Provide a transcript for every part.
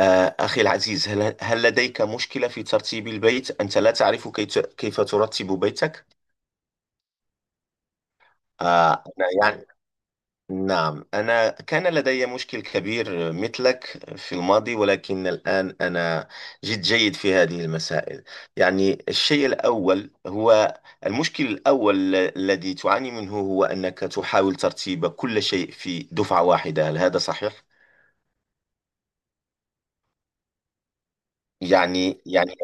أخي العزيز، هل لديك مشكلة في ترتيب البيت؟ أنت لا تعرف كيف ترتب بيتك؟ أنا، يعني، نعم، أنا كان لدي مشكل كبير مثلك في الماضي، ولكن الآن أنا جد جيد في هذه المسائل. يعني الشيء الأول هو المشكل الأول الذي تعاني منه هو أنك تحاول ترتيب كل شيء في دفعة واحدة، هل هذا صحيح؟ يعني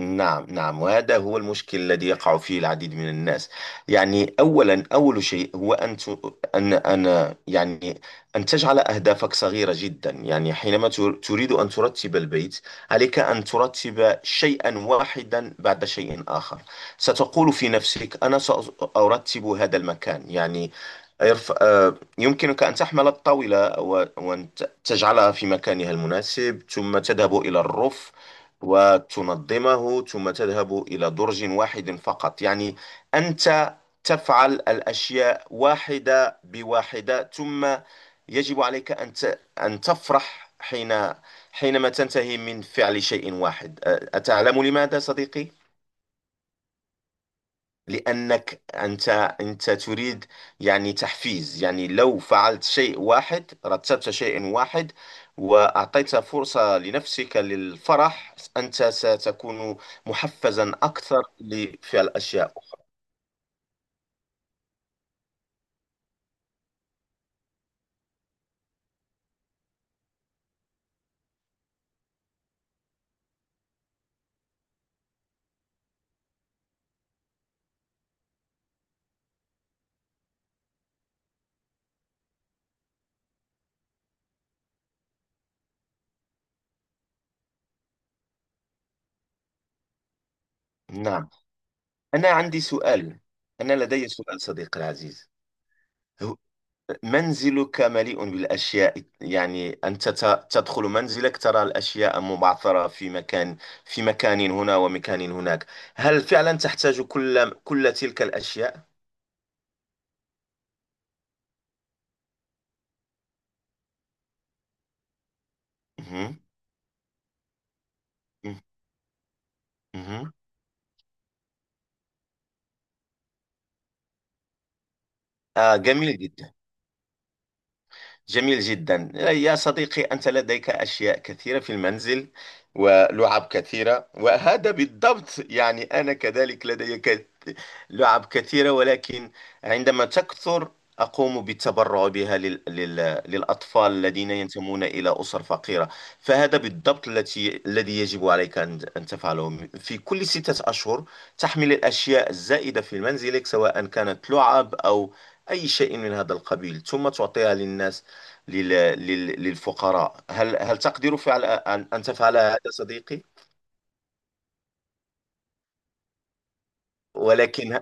نعم، نعم، وهذا هو المشكل الذي يقع فيه العديد من الناس. يعني أولا، أول شيء هو أن يعني أن تجعل أهدافك صغيرة جدا. يعني حينما تريد أن ترتب البيت، عليك أن ترتب شيئا واحدا بعد شيء آخر. ستقول في نفسك: أنا سأرتب هذا المكان، يعني يرف... آه، يمكنك أن تحمل الطاولة وأن تجعلها في مكانها المناسب، ثم تذهب إلى الرف وتنظمه، ثم تذهب إلى درج واحد فقط. يعني أنت تفعل الأشياء واحدة بواحدة، ثم يجب عليك أن تفرح حينما تنتهي من فعل شيء واحد. أتعلم لماذا صديقي؟ لأنك أنت تريد، يعني، تحفيز. يعني لو فعلت شيء واحد، رتبت شيء واحد، وأعطيت فرصة لنفسك للفرح، أنت ستكون محفزا أكثر لفعل أشياء أخرى. نعم. أنا عندي سؤال. أنا لدي سؤال صديقي العزيز. منزلك مليء بالأشياء، يعني أنت تدخل منزلك، ترى الأشياء مبعثرة في مكان، في مكان هنا ومكان هناك. هل فعلا تحتاج كل تلك الأشياء؟ مهم. مهم. جميل جدا. جميل جدا يا صديقي، أنت لديك أشياء كثيرة في المنزل ولعب كثيرة، وهذا بالضبط. يعني أنا كذلك لدي لعب كثيرة، ولكن عندما تكثر أقوم بالتبرع بها للأطفال الذين ينتمون إلى أسر فقيرة. فهذا بالضبط الذي يجب عليك أن تفعله في كل 6 أشهر. تحمل الأشياء الزائدة في منزلك، سواء كانت لعب أو أي شيء من هذا القبيل، ثم تعطيها للناس، لل... للفقراء. هل تقدر أن تفعل هذا صديقي؟ ولكن،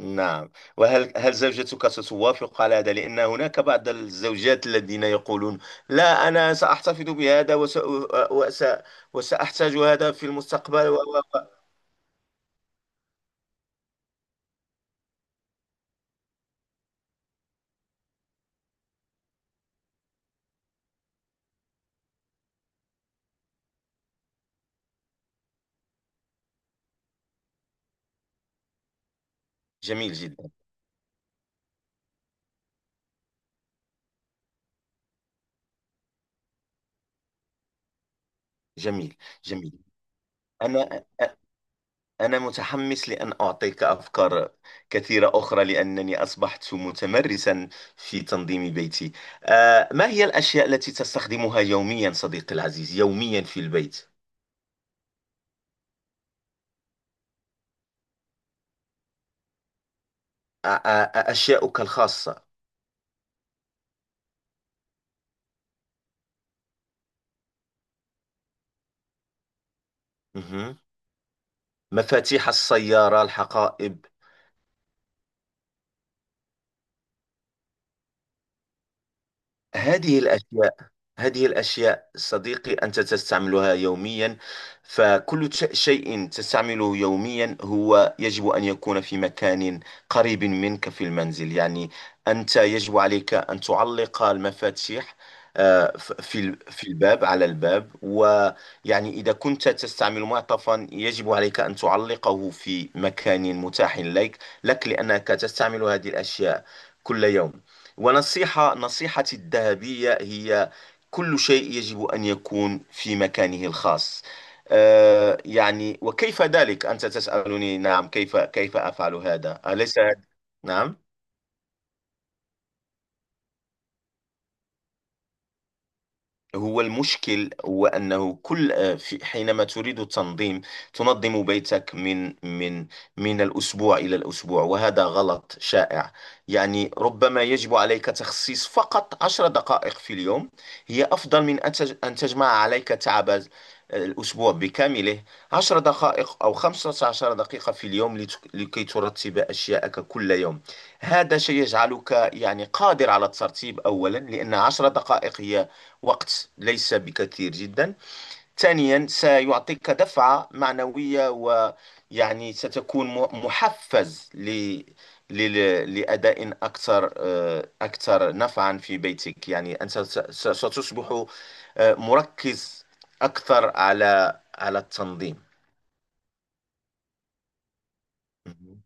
نعم. وهل زوجتك ستوافق على هذا؟ لأن هناك بعض الزوجات الذين يقولون: لا، أنا سأحتفظ بهذا وس... وسأحتاج هذا في المستقبل و-" جميل جدا. جميل. جميل. أنا أنا متحمس لأن أعطيك أفكار كثيرة أخرى، لأنني أصبحت متمرسا في تنظيم بيتي. ما هي الأشياء التي تستخدمها يوميا صديقي العزيز؟ يوميا في البيت. أشياؤك الخاصة. مهم. مفاتيح السيارة، الحقائب، هذه الأشياء هذه الأشياء صديقي، أنت تستعملها يوميا. فكل شيء تستعمله يوميا هو يجب أن يكون في مكان قريب منك في المنزل. يعني أنت يجب عليك أن تعلق المفاتيح في الباب، على الباب. ويعني إذا كنت تستعمل معطفا، يجب عليك أن تعلقه في مكان متاح لك، لأنك تستعمل هذه الأشياء كل يوم. نصيحتي الذهبية هي: كل شيء يجب أن يكون في مكانه الخاص. يعني، وكيف ذلك؟ أنت تسألني، نعم، كيف أفعل هذا؟ أليس هذا- نعم. هو المشكل هو أنه حينما تريد التنظيم، تنظم بيتك من الأسبوع إلى الأسبوع، وهذا غلط شائع. يعني ربما يجب عليك تخصيص فقط 10 دقائق في اليوم، هي أفضل من أن تجمع عليك تعب الأسبوع بكامله. 10 دقائق أو 15 دقيقة في اليوم لكي ترتب أشياءك كل يوم. هذا شيء يجعلك، يعني، قادر على الترتيب. أولا، لأن 10 دقائق هي وقت ليس بكثير جدا. ثانيا، سيعطيك دفعة معنوية، ويعني ستكون محفز لأداء أكثر نفعا في بيتك. يعني أنت ستصبح مركز أكثر على التنظيم. مهم.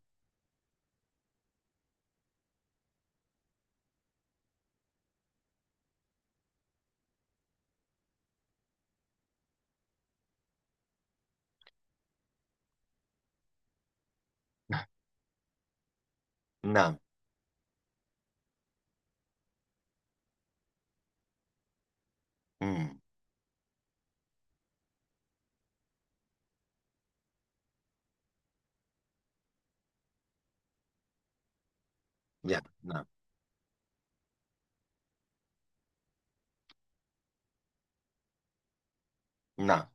نعم. مم. يا نعم، نعم،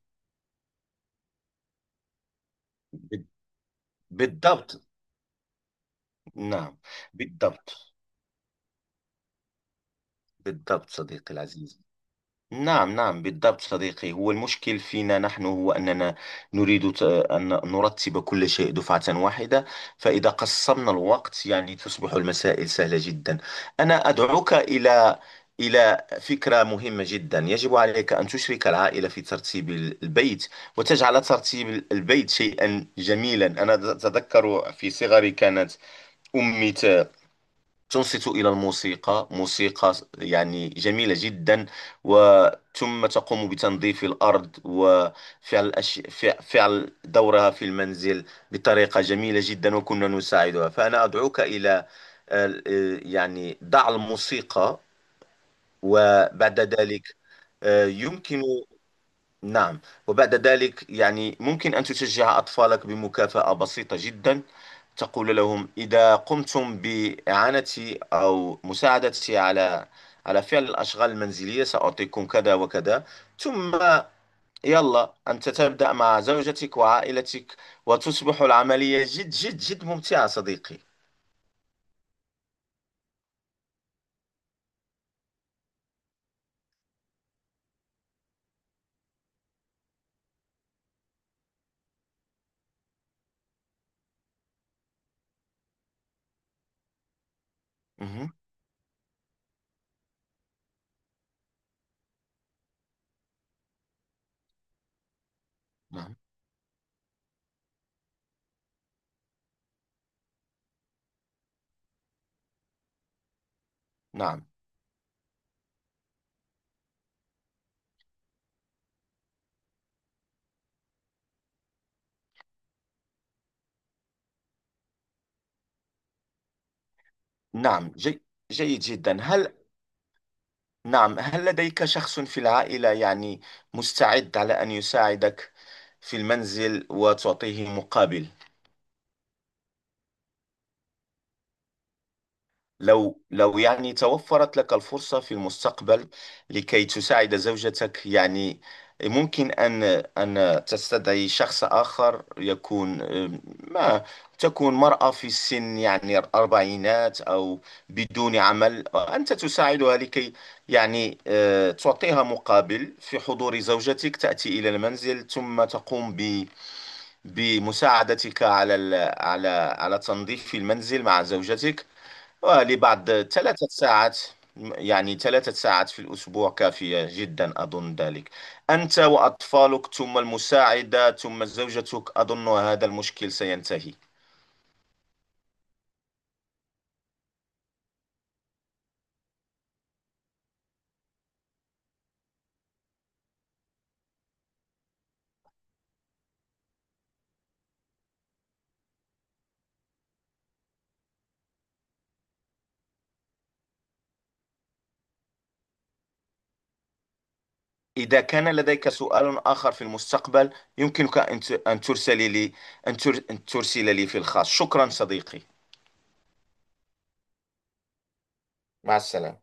بالضبط. نعم، بالضبط. بالضبط صديقي العزيز. نعم، نعم، بالضبط صديقي. هو المشكل فينا نحن هو أننا نريد أن نرتب كل شيء دفعة واحدة. فإذا قسمنا الوقت، يعني، تصبح المسائل سهلة جدا. أنا أدعوك إلى فكرة مهمة جدا: يجب عليك أن تشرك العائلة في ترتيب البيت، وتجعل ترتيب البيت شيئا جميلا. أنا أتذكر في صغري كانت أمي تنصت إلى الموسيقى، موسيقى يعني جميلة جدا، وثم تقوم بتنظيف الأرض وفعل فعل دورها في المنزل بطريقة جميلة جدا، وكنا نساعدها. فأنا أدعوك إلى، آه، يعني، ضع الموسيقى، وبعد ذلك يمكن. نعم. وبعد ذلك يعني ممكن أن تشجع أطفالك بمكافأة بسيطة جدا. تقول لهم: إذا قمتم بإعانتي أو مساعدتي على فعل الأشغال المنزلية، سأعطيكم كذا وكذا. ثم، يلا، أنت تبدأ مع زوجتك وعائلتك، وتصبح العملية جد جد جد ممتعة صديقي. مهم. نعم، نعم، نعم. جيد جدا. هل- نعم، هل لديك شخص في العائلة، يعني، مستعد على أن يساعدك في المنزل وتعطيه مقابل؟ لو، يعني، توفرت لك الفرصة في المستقبل لكي تساعد زوجتك، يعني، ممكن أن تستدعي شخص آخر، يكون، ما تكون مرأة في السن، يعني الأربعينات، أو بدون عمل. أنت تساعدها لكي، يعني، تعطيها مقابل، في حضور زوجتك، تأتي إلى المنزل ثم تقوم بمساعدتك على ال- على على تنظيف المنزل مع زوجتك، ولبعض 3 ساعات. يعني 3 ساعات في الأسبوع كافية جدا، أظن ذلك. أنت وأطفالك، ثم المساعدة، ثم زوجتك، أظن هذا المشكل سينتهي. إذا كان لديك سؤال آخر في المستقبل، يمكنك أن ترسل لي، أن ترسل لي في الخاص. شكرا صديقي. مع السلامة.